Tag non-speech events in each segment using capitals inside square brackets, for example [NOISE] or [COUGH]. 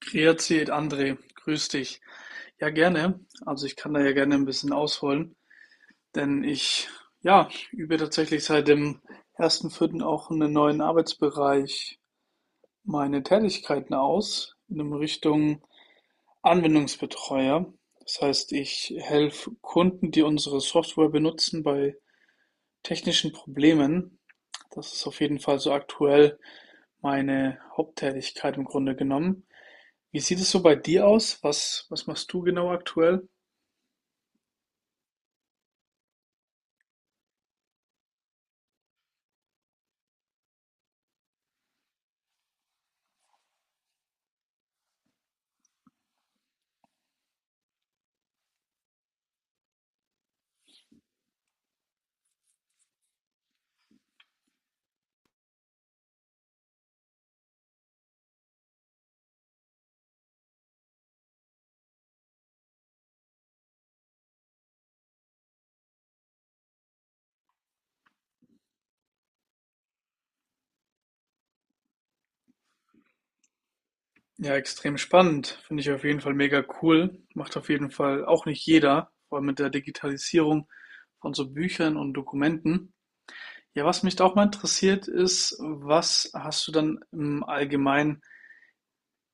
Grüezi, André, grüß dich. Ja, gerne. Also ich kann da ja gerne ein bisschen ausholen, denn ich, ja, übe tatsächlich seit dem 1.4. auch einen neuen Arbeitsbereich meine Tätigkeiten aus, in dem Richtung Anwendungsbetreuer. Das heißt, ich helfe Kunden, die unsere Software benutzen, bei technischen Problemen. Das ist auf jeden Fall so aktuell meine Haupttätigkeit im Grunde genommen. Wie sieht es so bei dir aus? Was machst du genau aktuell? Ja, extrem spannend. Finde ich auf jeden Fall mega cool. Macht auf jeden Fall auch nicht jeder, vor allem mit der Digitalisierung von so Büchern und Dokumenten. Ja, was mich da auch mal interessiert ist, was hast du dann im Allgemeinen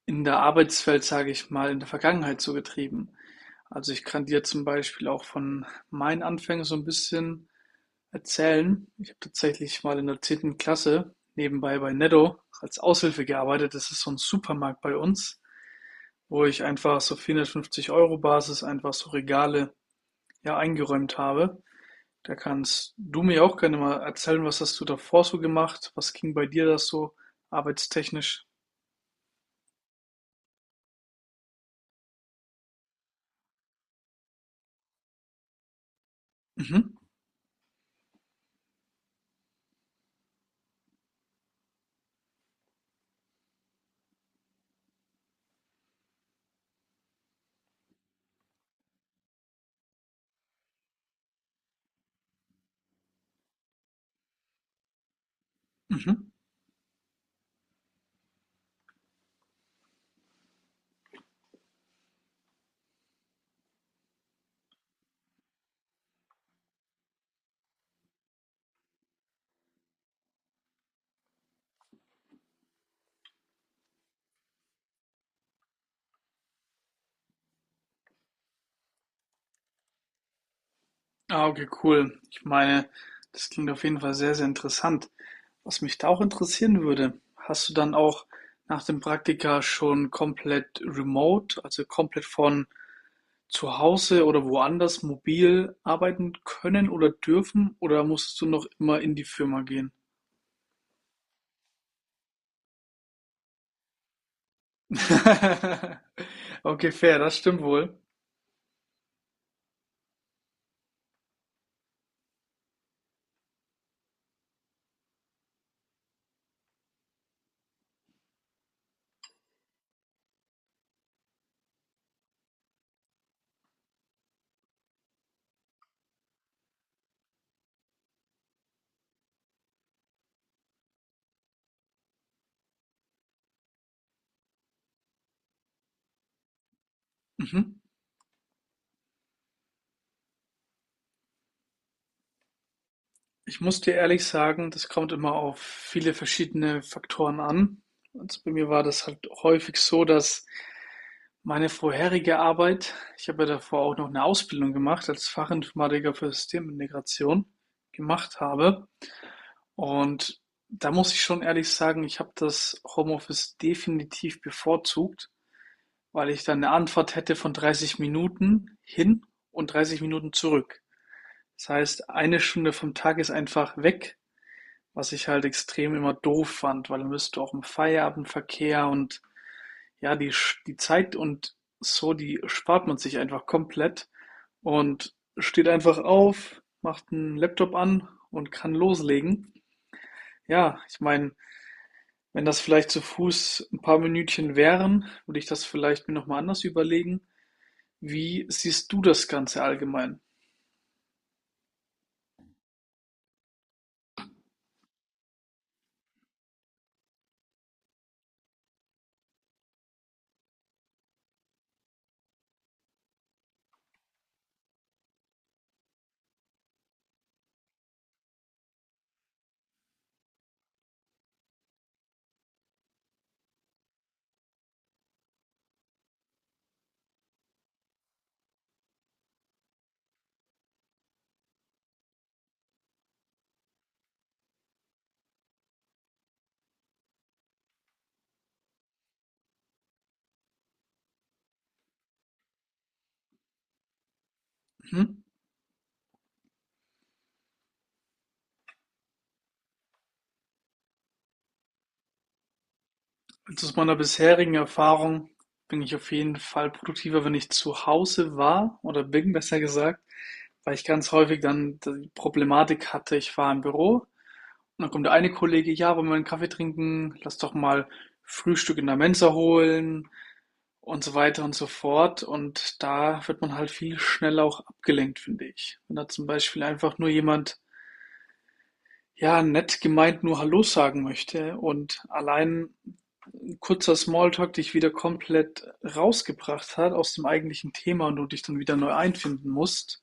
in der Arbeitswelt, sage ich mal, in der Vergangenheit so getrieben? Also ich kann dir zum Beispiel auch von meinen Anfängen so ein bisschen erzählen. Ich habe tatsächlich mal in der zehnten Klasse nebenbei bei Netto als Aushilfe gearbeitet. Das ist so ein Supermarkt bei uns, wo ich einfach so 450 € Basis einfach so Regale ja eingeräumt habe. Da kannst du mir auch gerne mal erzählen, was hast du davor so gemacht? Was ging bei dir das so arbeitstechnisch? Mhm. Mhm. Ah, okay, cool. Ich meine, das klingt auf jeden Fall sehr, sehr interessant. Was mich da auch interessieren würde, hast du dann auch nach dem Praktika schon komplett remote, also komplett von zu Hause oder woanders mobil arbeiten können oder dürfen oder musstest du noch immer in die Firma gehen? [LAUGHS] Okay, fair, das stimmt wohl. Mhm. Ich muss dir ehrlich sagen, das kommt immer auf viele verschiedene Faktoren an. Also bei mir war das halt häufig so, dass meine vorherige Arbeit, ich habe ja davor auch noch eine Ausbildung gemacht als Fachinformatiker für Systemintegration gemacht habe. Und da muss ich schon ehrlich sagen, ich habe das Homeoffice definitiv bevorzugt, weil ich dann eine Anfahrt hätte von 30 Minuten hin und 30 Minuten zurück. Das heißt, eine Stunde vom Tag ist einfach weg. Was ich halt extrem immer doof fand, weil dann bist du auch im Feierabendverkehr und ja, die Zeit und so, die spart man sich einfach komplett und steht einfach auf, macht einen Laptop an und kann loslegen. Ja, ich meine, wenn das vielleicht zu Fuß ein paar Minütchen wären, würde ich das vielleicht mir nochmal anders überlegen. Wie siehst du das Ganze allgemein? Hm? Also aus meiner bisherigen Erfahrung bin ich auf jeden Fall produktiver, wenn ich zu Hause war oder bin, besser gesagt, weil ich ganz häufig dann die Problematik hatte, ich war im Büro und dann kommt der eine Kollege, ja, wollen wir einen Kaffee trinken, lass doch mal Frühstück in der Mensa holen und so weiter und so fort. Und da wird man halt viel schneller auch abgelenkt, finde ich. Wenn da zum Beispiel einfach nur jemand, ja, nett gemeint nur Hallo sagen möchte und allein kurzer Smalltalk dich wieder komplett rausgebracht hat aus dem eigentlichen Thema und du dich dann wieder neu einfinden musst.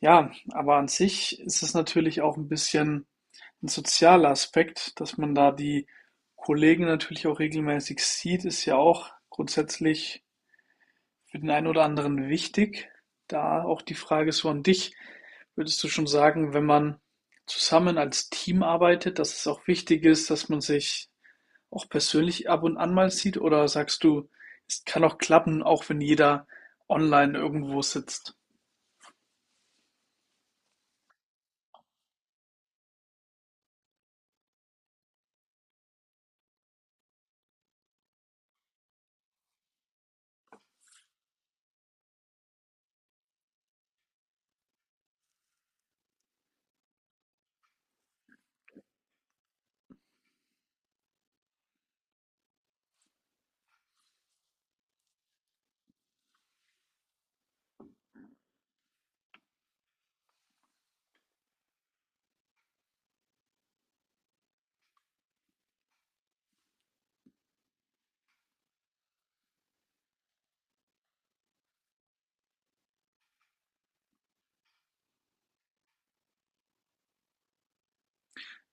Ja, aber an sich ist es natürlich auch ein bisschen ein sozialer Aspekt, dass man da die Kollegen natürlich auch regelmäßig sieht, ist ja auch grundsätzlich für den einen oder anderen wichtig. Da auch die Frage so an dich, würdest du schon sagen, wenn man zusammen als Team arbeitet, dass es auch wichtig ist, dass man sich auch persönlich ab und an mal sieht? Oder sagst du, es kann auch klappen, auch wenn jeder online irgendwo sitzt?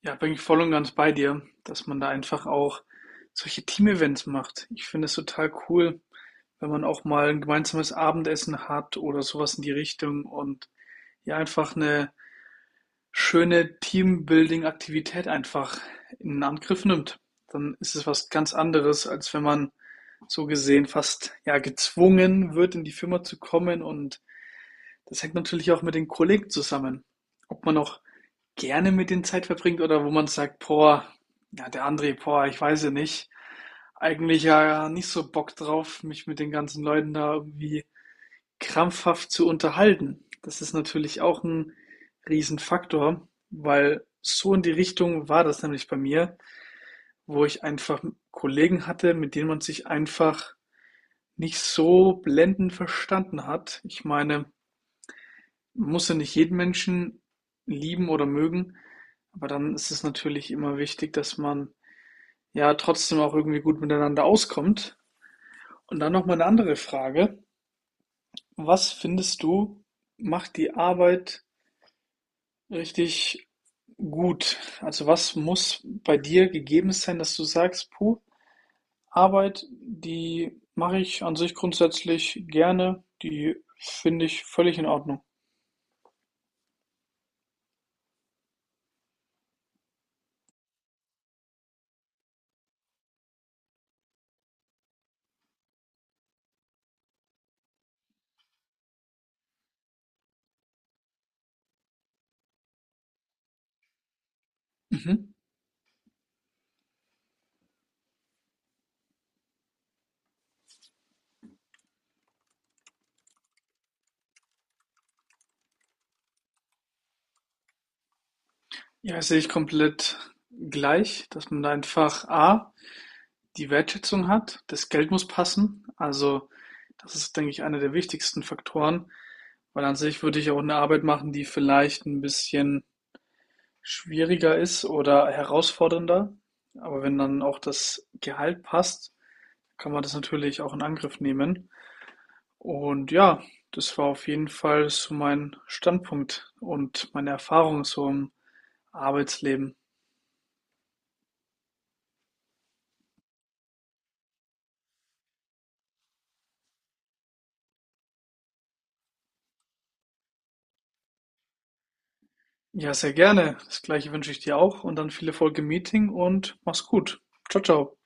Ja, bin ich voll und ganz bei dir, dass man da einfach auch solche Team-Events macht. Ich finde es total cool, wenn man auch mal ein gemeinsames Abendessen hat oder sowas in die Richtung und ja einfach eine schöne Teambuilding-Aktivität einfach in Angriff nimmt. Dann ist es was ganz anderes, als wenn man so gesehen fast ja gezwungen wird, in die Firma zu kommen. Und das hängt natürlich auch mit den Kollegen zusammen. Ob man auch gerne mit denen Zeit verbringt oder wo man sagt, boah, ja, der André, boah, ich weiß ja nicht. Eigentlich ja nicht so Bock drauf, mich mit den ganzen Leuten da irgendwie krampfhaft zu unterhalten. Das ist natürlich auch 'n Riesenfaktor, weil so in die Richtung war das nämlich bei mir, wo ich einfach Kollegen hatte, mit denen man sich einfach nicht so blendend verstanden hat. Ich meine, man muss ja nicht jeden Menschen lieben oder mögen, aber dann ist es natürlich immer wichtig, dass man, ja, trotzdem auch irgendwie gut miteinander auskommt. Und dann noch mal 'ne andere Frage: Was findest du, macht die Arbeit richtig gut? Also was muss bei dir gegeben sein, dass du sagst, puh, Arbeit, die mache ich an sich grundsätzlich gerne, die finde ich völlig in Ordnung. Mhm. Ja, das sehe ich komplett gleich, dass man da einfach A, die Wertschätzung hat, das Geld muss passen. Also das ist, denke ich, einer der wichtigsten Faktoren, weil an sich würde ich auch eine Arbeit machen, die vielleicht ein bisschen schwieriger ist oder herausfordernder. Aber wenn dann auch das Gehalt passt, kann man das natürlich auch in Angriff nehmen. Und ja, das war auf jeden Fall so mein Standpunkt und meine Erfahrung so im Arbeitsleben. Ja, sehr gerne. Das gleiche wünsche ich dir auch und dann viel Erfolg im Meeting und mach's gut. Ciao, ciao.